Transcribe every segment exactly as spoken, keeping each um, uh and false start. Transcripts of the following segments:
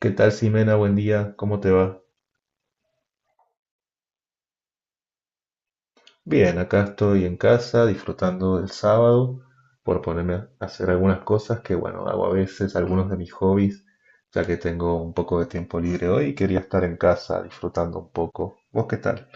¿Qué tal, Simena? Buen día, ¿cómo te va? Bien, acá estoy en casa disfrutando del sábado por ponerme a hacer algunas cosas que, bueno, hago a veces, algunos de mis hobbies, ya que tengo un poco de tiempo libre hoy y quería estar en casa disfrutando un poco. ¿Vos qué tal?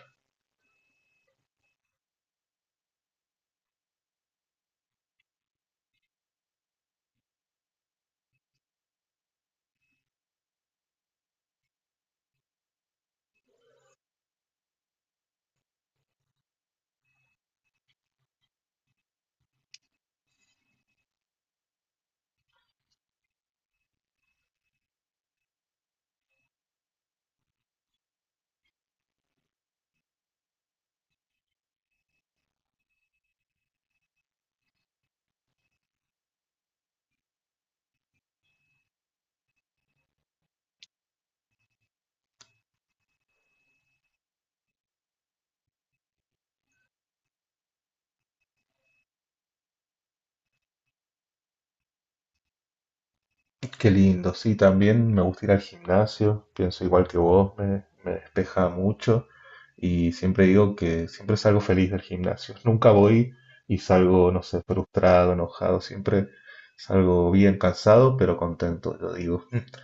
Qué lindo, sí, también me gusta ir al gimnasio, pienso igual que vos, me, me despeja mucho y siempre digo que siempre salgo feliz del gimnasio. Nunca voy y salgo, no sé, frustrado, enojado, siempre salgo bien cansado, pero contento, lo digo.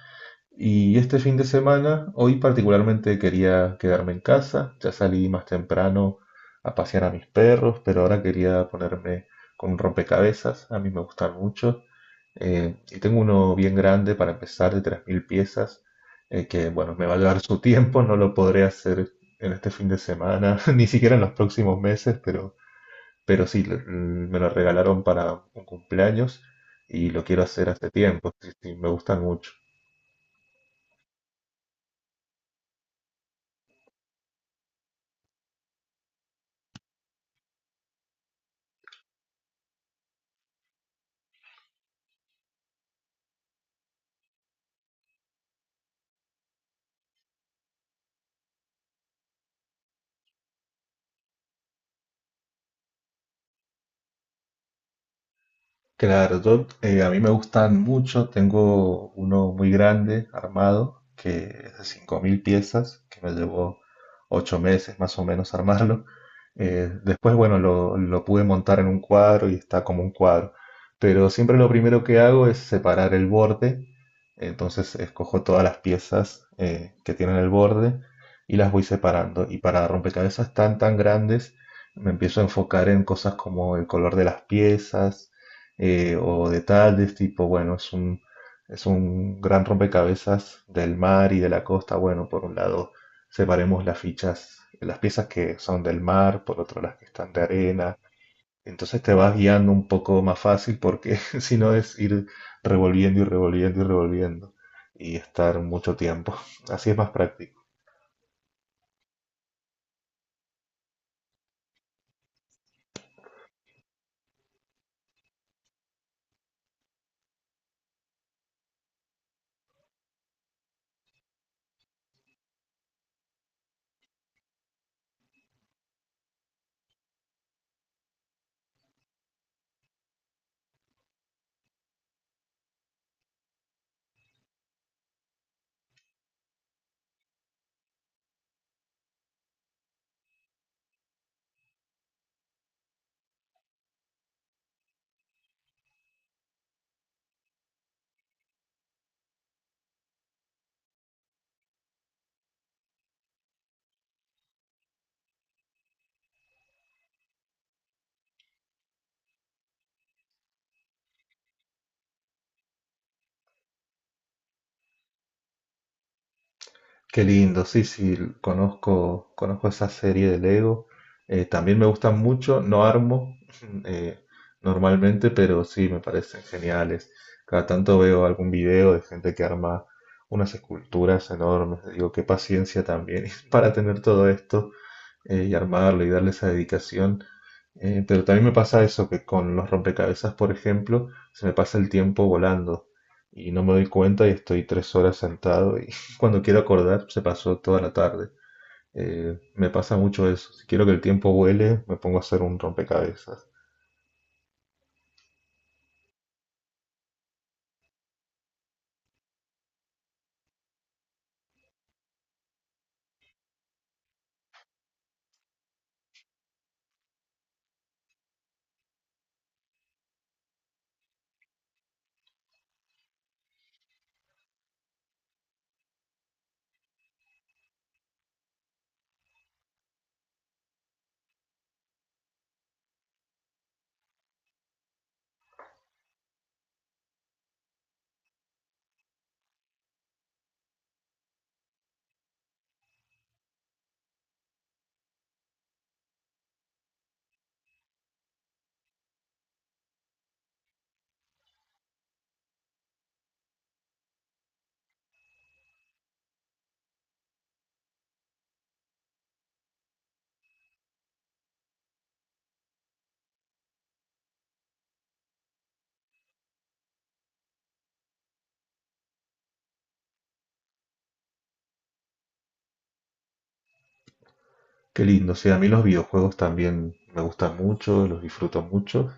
Y este fin de semana, hoy particularmente quería quedarme en casa, ya salí más temprano a pasear a mis perros, pero ahora quería ponerme con un rompecabezas, a mí me gustan mucho, eh, y tengo uno bien grande para empezar de tres mil piezas, eh, que bueno, me va a llevar su tiempo, no lo podré hacer en este fin de semana, ni siquiera en los próximos meses, pero, pero sí, l- me lo regalaron para un cumpleaños y lo quiero hacer hace tiempo, sí, sí, me gustan mucho. Claro, yo, eh, a mí me gustan mucho, tengo uno muy grande armado, que es de cinco mil piezas, que me llevó ocho meses más o menos armarlo. Eh, después, bueno, lo, lo pude montar en un cuadro y está como un cuadro. Pero siempre lo primero que hago es separar el borde, entonces escojo todas las piezas eh, que tienen el borde y las voy separando. Y para rompecabezas tan tan grandes, me empiezo a enfocar en cosas como el color de las piezas eh, o detalles tipo, bueno, es un, es un gran rompecabezas del mar y de la costa. Bueno, por un lado separemos las fichas, las piezas que son del mar, por otro las que están de arena. Entonces te vas guiando un poco más fácil porque si no es ir revolviendo y revolviendo y revolviendo y estar mucho tiempo. Así es más práctico. Qué lindo, sí, sí, conozco, conozco esa serie de Lego. Eh, también me gustan mucho, no armo eh, normalmente, pero sí me parecen geniales. Cada tanto veo algún video de gente que arma unas esculturas enormes. Digo, qué paciencia también para tener todo esto eh, y armarlo y darle esa dedicación. Eh, pero también me pasa eso, que con los rompecabezas, por ejemplo, se me pasa el tiempo volando y no me doy cuenta y estoy tres horas sentado y cuando quiero acordar se pasó toda la tarde. Eh, me pasa mucho eso. Si quiero que el tiempo vuele, me pongo a hacer un rompecabezas. Qué lindo, sí, a mí los videojuegos también me gustan mucho, los disfruto mucho.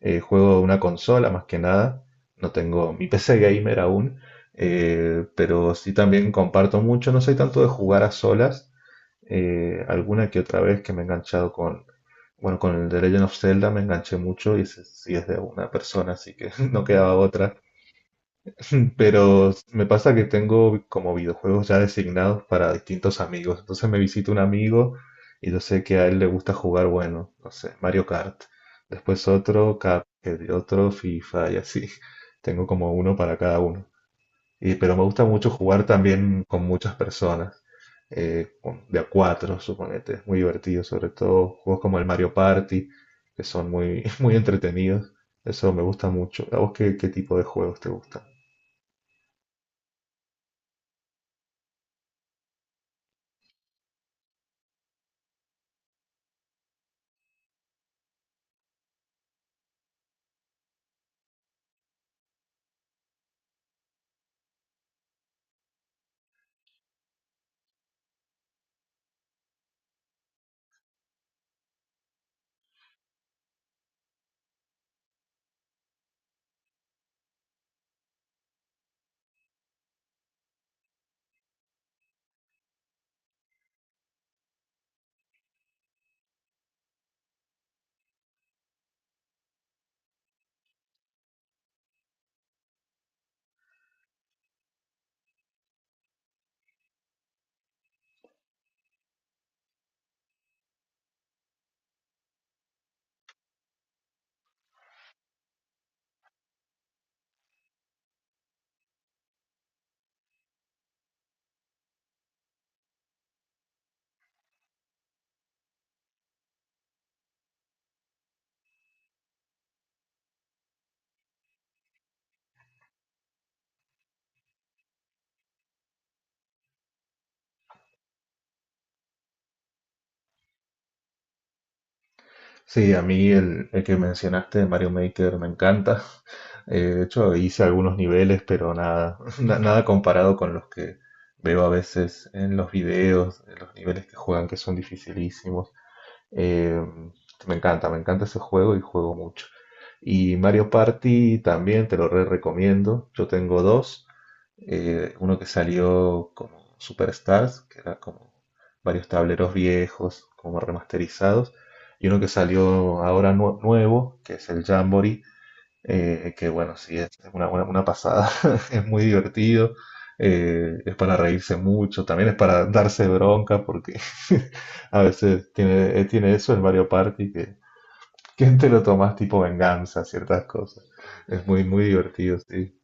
Eh, juego una consola más que nada, no tengo mi P C gamer aún, eh, pero sí también comparto mucho, no soy tanto de jugar a solas, eh, alguna que otra vez que me he enganchado con, bueno, con el The Legend of Zelda me enganché mucho y ese sí es de una persona, así que no quedaba otra pero me pasa que tengo como videojuegos ya designados para distintos amigos. Entonces me visita un amigo y yo sé que a él le gusta jugar, bueno, no sé, Mario Kart. Después otro Cuphead, otro FIFA y así. Tengo como uno para cada uno. Y, pero me gusta mucho jugar también con muchas personas, eh, con- de a cuatro, suponete. Es muy divertido, sobre todo juegos como el Mario Party, que son muy, muy entretenidos. Eso me gusta mucho. ¿A vos qué, qué tipo de juegos te gustan? Sí, a mí el, el que mencionaste de Mario Maker me encanta. Eh, de hecho, hice algunos niveles, pero nada, na- nada comparado con los que veo a veces en los videos, en los niveles que juegan que son dificilísimos. Eh, me encanta, me encanta ese juego y juego mucho. Y Mario Party también te lo re recomiendo. Yo tengo dos eh, uno que salió como Superstars, que era como varios tableros viejos, como remasterizados, y uno que salió ahora nue- nuevo, que es el Jamboree, eh, que bueno, sí, es una, una- una pasada, es muy divertido, eh, es para reírse mucho, también es para darse bronca, porque a veces tiene, eh, tiene eso el Mario Party, que, que te lo tomas tipo venganza, ciertas cosas. Es muy, muy divertido, sí.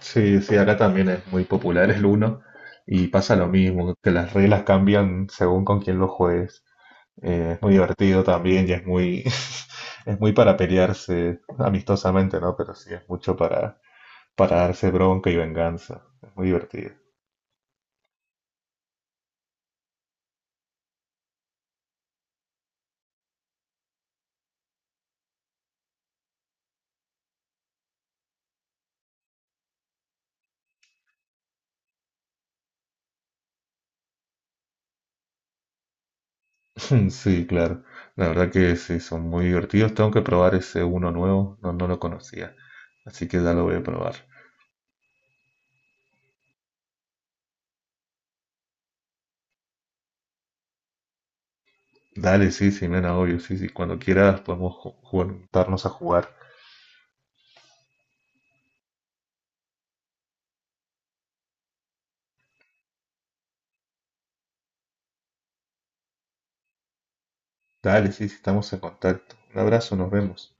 Sí, sí, acá también es muy popular el uno y pasa lo mismo, que las reglas cambian según con quién lo juegues. Eh, es muy divertido también y es muy, es muy para pelearse amistosamente, ¿no? Pero sí, es mucho para, para darse bronca y venganza. Es muy divertido. Sí, claro. La verdad que sí, son muy divertidos. Tengo que probar ese uno nuevo, no, no lo conocía. Así que ya lo voy a probar. Dale, sí, sí, nena, obvio, sí, sí. Cuando quieras podemos ju- juntarnos a jugar. Dale, sí, sí, estamos en contacto. Un abrazo, nos vemos.